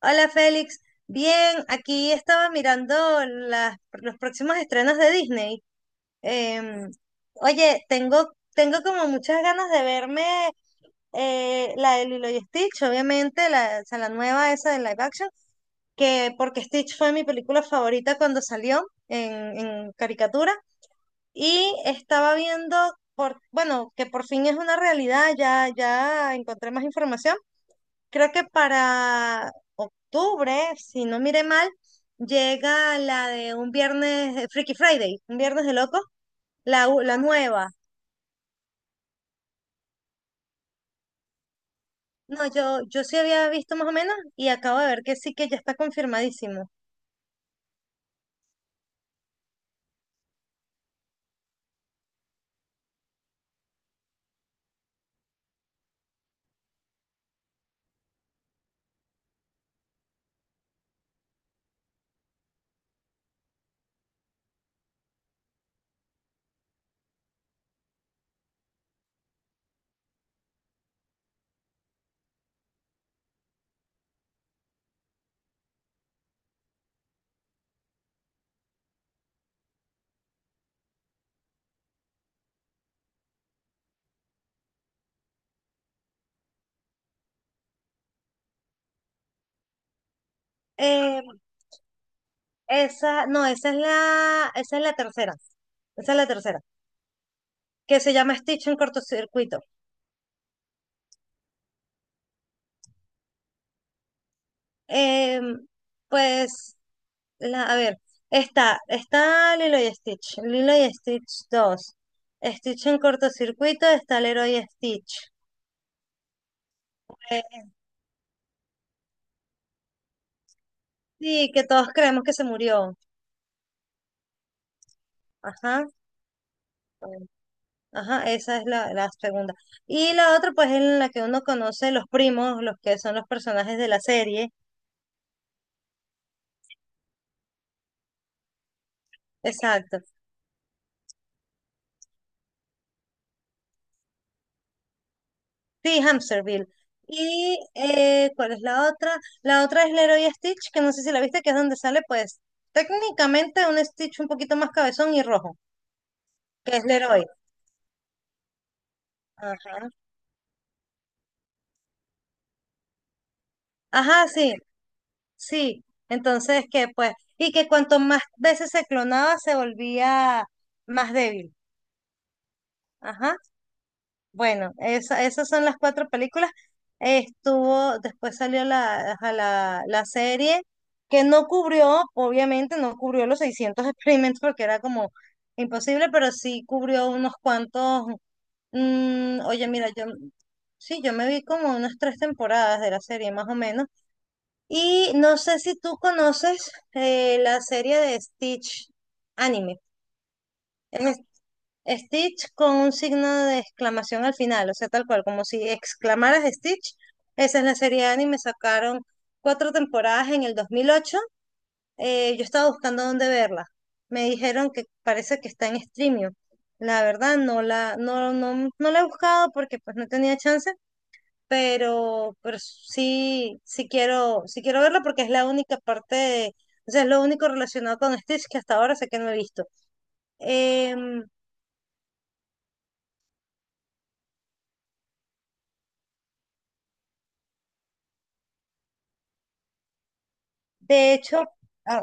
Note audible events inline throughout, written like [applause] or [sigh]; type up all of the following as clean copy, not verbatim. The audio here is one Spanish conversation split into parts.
Hola Félix, bien, aquí estaba mirando las, los próximos estrenos de Disney. Em, oye, tengo como muchas ganas de verme la de Lilo y Stitch, obviamente, la nueva esa de live action, que porque Stitch fue mi película favorita cuando salió en, en caricatura y estaba viendo, bueno, que por fin es una realidad, ya encontré más información creo que para octubre, si no mire mal, llega la de un viernes, Freaky Friday, un viernes de locos, la nueva. No, yo sí había visto más o menos y acabo de ver que sí que ya está confirmadísimo. Eh, esa, no, esa es la tercera. Esa es la tercera, que se llama Stitch en cortocircuito. Em, pues a ver, está Lilo y Stitch, Lilo y Stitch 2, Stitch en cortocircuito, está Leroy y Stitch. Eh, sí, que todos creemos que se murió. Ajá, eh, ajá, esa es la segunda. Y la otra, pues, es la que uno conoce los primos, los que son los personajes de la serie. Exacto. Sí, Hamsterville. Y, ¿cuál es la otra? La otra es Leroy y Stitch, que no sé si la viste, que es donde sale, pues, técnicamente un Stitch un poquito más cabezón y rojo, que es Leroy. Ajá. Ajá, sí, sí. Entonces, que pues, y que cuanto más veces se clonaba, se volvía más débil. Ajá. Bueno, esas son las cuatro películas. Estuvo, después salió la serie, que no cubrió, obviamente, no cubrió los 600 experimentos porque era como imposible, pero sí cubrió unos cuantos. Oye, mira, yo me vi como unas tres temporadas de la serie, más o menos. Y no sé si tú conoces la serie de Stitch anime. En es- Stitch con un signo de exclamación al final, o sea, tal cual, como si exclamaras Stitch. Esa es la serie de anime, sacaron cuatro temporadas en el 2008. Yo estaba buscando dónde verla. Me dijeron que parece que está en Streamio. La verdad, no la he buscado porque pues no tenía chance, pero, pero sí, quiero verla porque es la única parte, o sea, es lo único relacionado con Stitch que hasta ahora sé que no he visto. Em, de hecho, ah,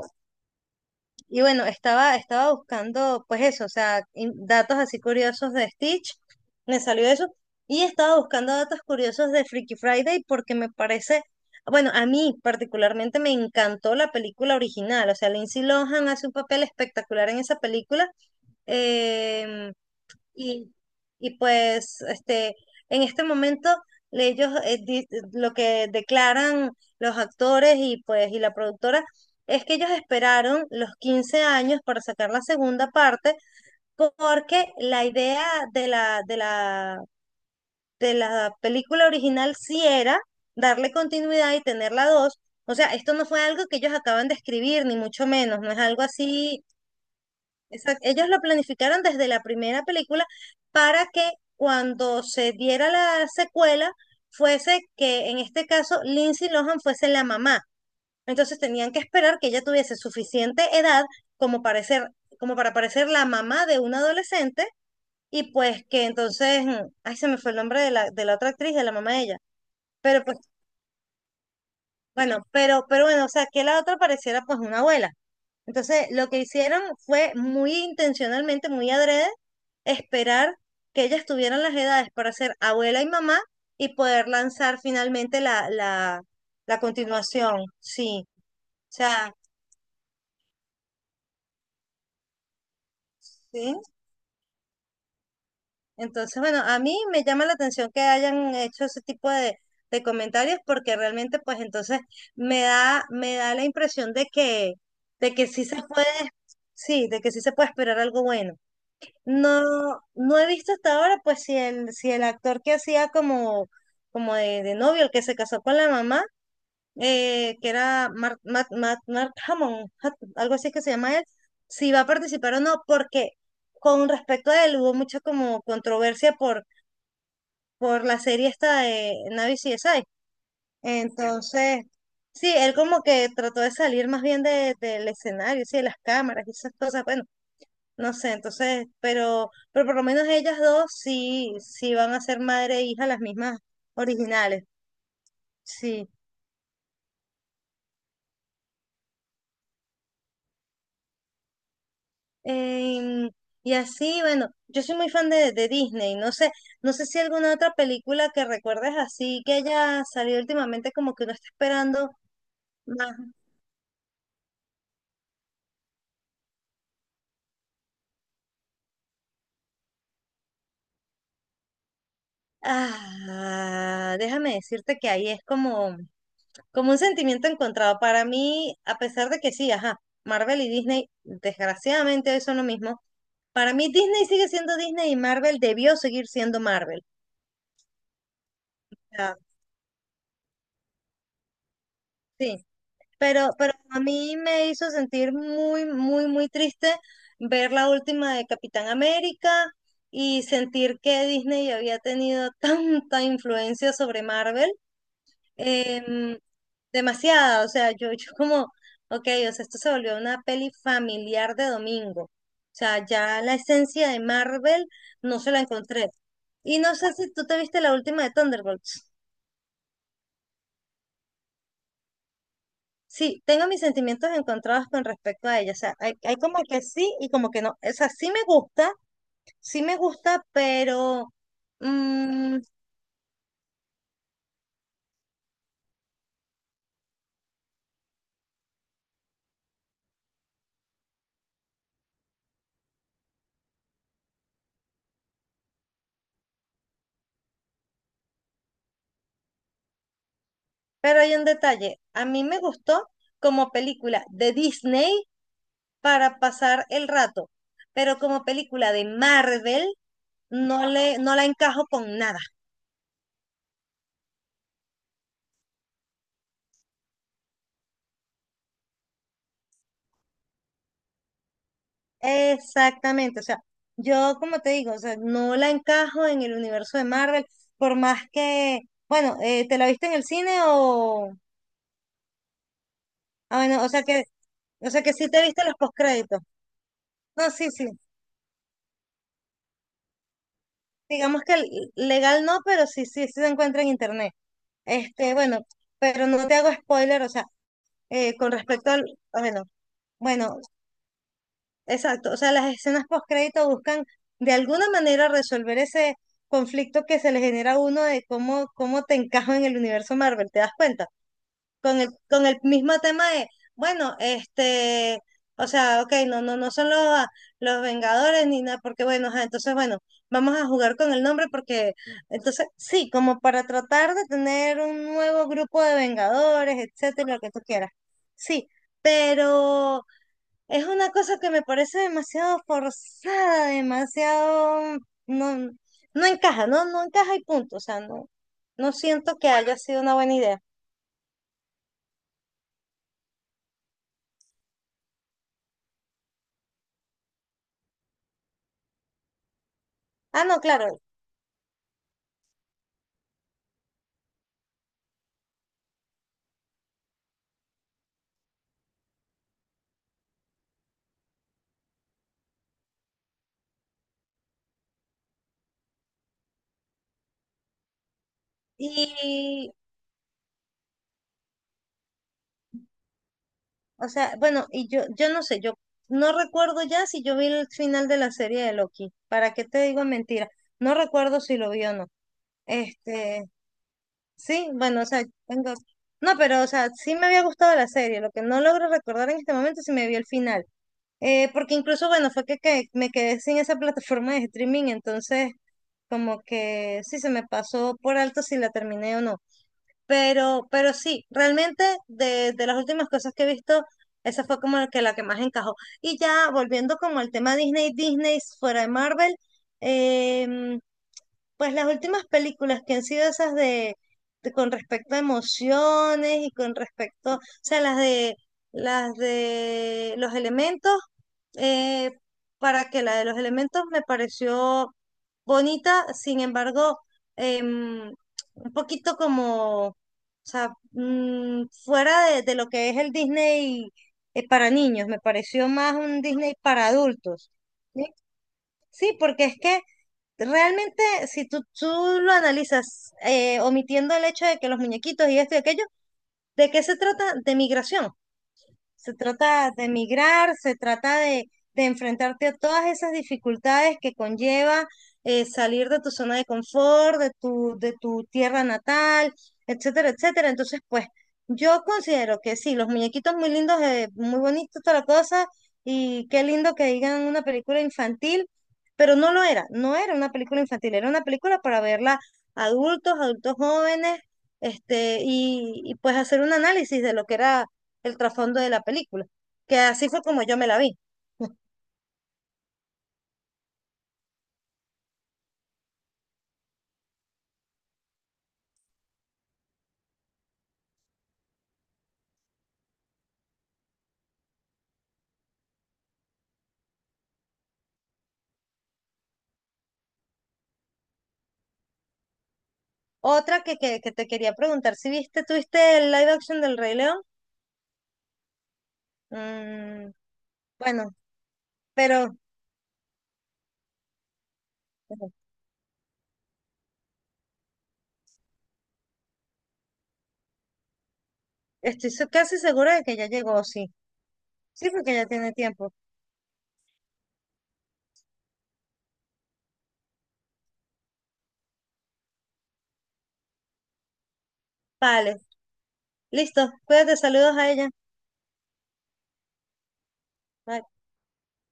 y bueno, estaba buscando, pues eso, o sea, datos así curiosos de Stitch, me salió eso, y estaba buscando datos curiosos de Freaky Friday porque me parece... Bueno, a mí particularmente me encantó la película original, o sea, Lindsay Lohan hace un papel espectacular en esa película. Em, Y, y pues este, en este momento ellos lo que declaran los actores y pues y la productora es que ellos esperaron los 15 años para sacar la segunda parte porque la idea de la, de la, de la película original sí era darle continuidad y tener la dos. O sea, esto no fue algo que ellos acaban de escribir, ni mucho menos, no es algo así. Exacto. Ellos lo planificaron desde la primera película para que cuando se diera la secuela fuese que en este caso Lindsay Lohan fuese la mamá. Entonces tenían que esperar que ella tuviese suficiente edad como para ser, como para parecer la mamá de un adolescente y pues que entonces, ay, se me fue el nombre de la otra actriz, de la mamá de ella. Pero pues, bueno, pero bueno, o sea, que la otra pareciera pues una abuela. Entonces, lo que hicieron fue muy intencionalmente, muy adrede, esperar que ellas tuvieran las edades para ser abuela y mamá y poder lanzar finalmente la continuación. Sí, o sea, sí. Entonces, bueno, a mí me llama la atención que hayan hecho ese tipo de comentarios porque realmente, pues entonces me da la impresión de que, de que sí se puede, sí, de que sí se puede esperar algo bueno. No, no he visto hasta ahora, pues si el actor que hacía como, como de novio, el que se casó con la mamá, que era Mark Hammond, algo así es que se llama él, si va a participar o no, porque con respecto a él hubo mucha como controversia por la serie esta de Navi CSI. Entonces, sí, él como que trató de salir más bien del escenario, sí, de las cámaras y esas cosas. Bueno, no sé, entonces, pero por lo menos ellas dos sí van a ser madre e hija las mismas originales, sí. Em, y así, bueno, yo soy muy fan de Disney, no sé si alguna otra película que recuerdes así que haya salido últimamente como que uno está esperando más. Ah, déjame decirte que ahí es como, como un sentimiento encontrado para mí, a pesar de que sí, ajá, Marvel y Disney desgraciadamente hoy son lo mismo, para mí Disney sigue siendo Disney y Marvel debió seguir siendo Marvel. O sea, sí, pero a mí me hizo sentir muy, muy, muy triste ver la última de Capitán América y sentir que Disney había tenido [laughs] tanta influencia sobre Marvel em, demasiada, o sea, yo, [laughs] yo como, ok, o sea, esto se volvió una peli familiar de domingo. O sea, ya la esencia de Marvel no se la encontré. Y no sé si tú te viste la última de Thunderbolts. Sí, tengo mis sentimientos encontrados con respecto a ella. O sea, hay como que sí y como que no. O sea, pero, mm, pero hay un detalle. A mí me gustó como película de Disney para pasar el rato, pero como película de Marvel, no la encajo con nada. Exactamente, o sea, yo como te digo, o sea, no la encajo en el universo de Marvel, por más que, bueno, ¿te la viste en el cine o, ah, bueno, o sea que sí te viste los postcréditos? No, sí, sí, digamos que legal no, pero sí, sí se encuentra en internet. Este, bueno, pero no te hago spoiler, o sea, con respecto al, ah, bueno, bueno, exacto, o sea, las escenas postcrédito buscan de alguna manera resolver ese conflicto que se le genera a uno de cómo, cómo te encajo en el universo Marvel, ¿te das cuenta? Con el mismo tema de, bueno, este, o sea, ok, no, no, no son los, a- los Vengadores ni nada, porque bueno, ajá, entonces bueno, vamos a jugar con el nombre porque, entonces, sí, como para tratar de tener un nuevo grupo de Vengadores, etcétera, lo que tú quieras. Sí, pero. Es una cosa que me parece demasiado forzada, demasiado, no, no encaja, no, no encaja y punto. O sea, no, no siento que haya sido una buena idea. Ah, no, claro. Y, bueno, y yo no sé, yo no recuerdo ya si yo vi el final de la serie de Loki. ¿Para qué te digo mentira? No recuerdo si lo vi o no. Este, sí, bueno, o sea, tengo, no, pero, o sea, sí me había gustado la serie. Lo que no logro recordar en este momento es si me vi el final. Porque incluso, bueno, fue que me quedé sin esa plataforma de streaming, entonces como que sí se me pasó por alto si la terminé o no. Pero sí, realmente de las últimas cosas que he visto, esa fue como la que más encajó. Y ya volviendo como al tema Disney, Disney fuera de Marvel, em, pues las últimas películas que han sido esas con respecto a emociones y con respecto, o sea, las de los elementos, eh, para que la de los elementos me pareció bonita, sin embargo, em, un poquito como, o sea, fuera de lo que es el Disney para niños, me pareció más un Disney para adultos. ¿Sí? Sí, porque es que realmente, si tú lo analizas, omitiendo el hecho de que los muñequitos y esto y aquello, ¿de qué se trata? De migración. Se trata de migrar, se trata de enfrentarte a todas esas dificultades que conlleva salir de tu zona de confort, de tu tierra natal, etcétera, etcétera. Entonces, pues, yo considero que sí, los muñequitos muy lindos, muy bonitos, toda la cosa, y qué lindo que digan una película infantil, pero no lo era, no era una película infantil, era una película para verla adultos, adultos jóvenes, este, y pues hacer un análisis de lo que era el trasfondo de la película, que así fue como yo me la vi. Otra que te quería preguntar, si viste, tuviste el live action del Rey León? Mm, bueno, pero bueno, estoy casi segura de que ya llegó, sí. Sí, porque ya tiene tiempo. Vale, listo, cuídate, saludos a ella. Bye.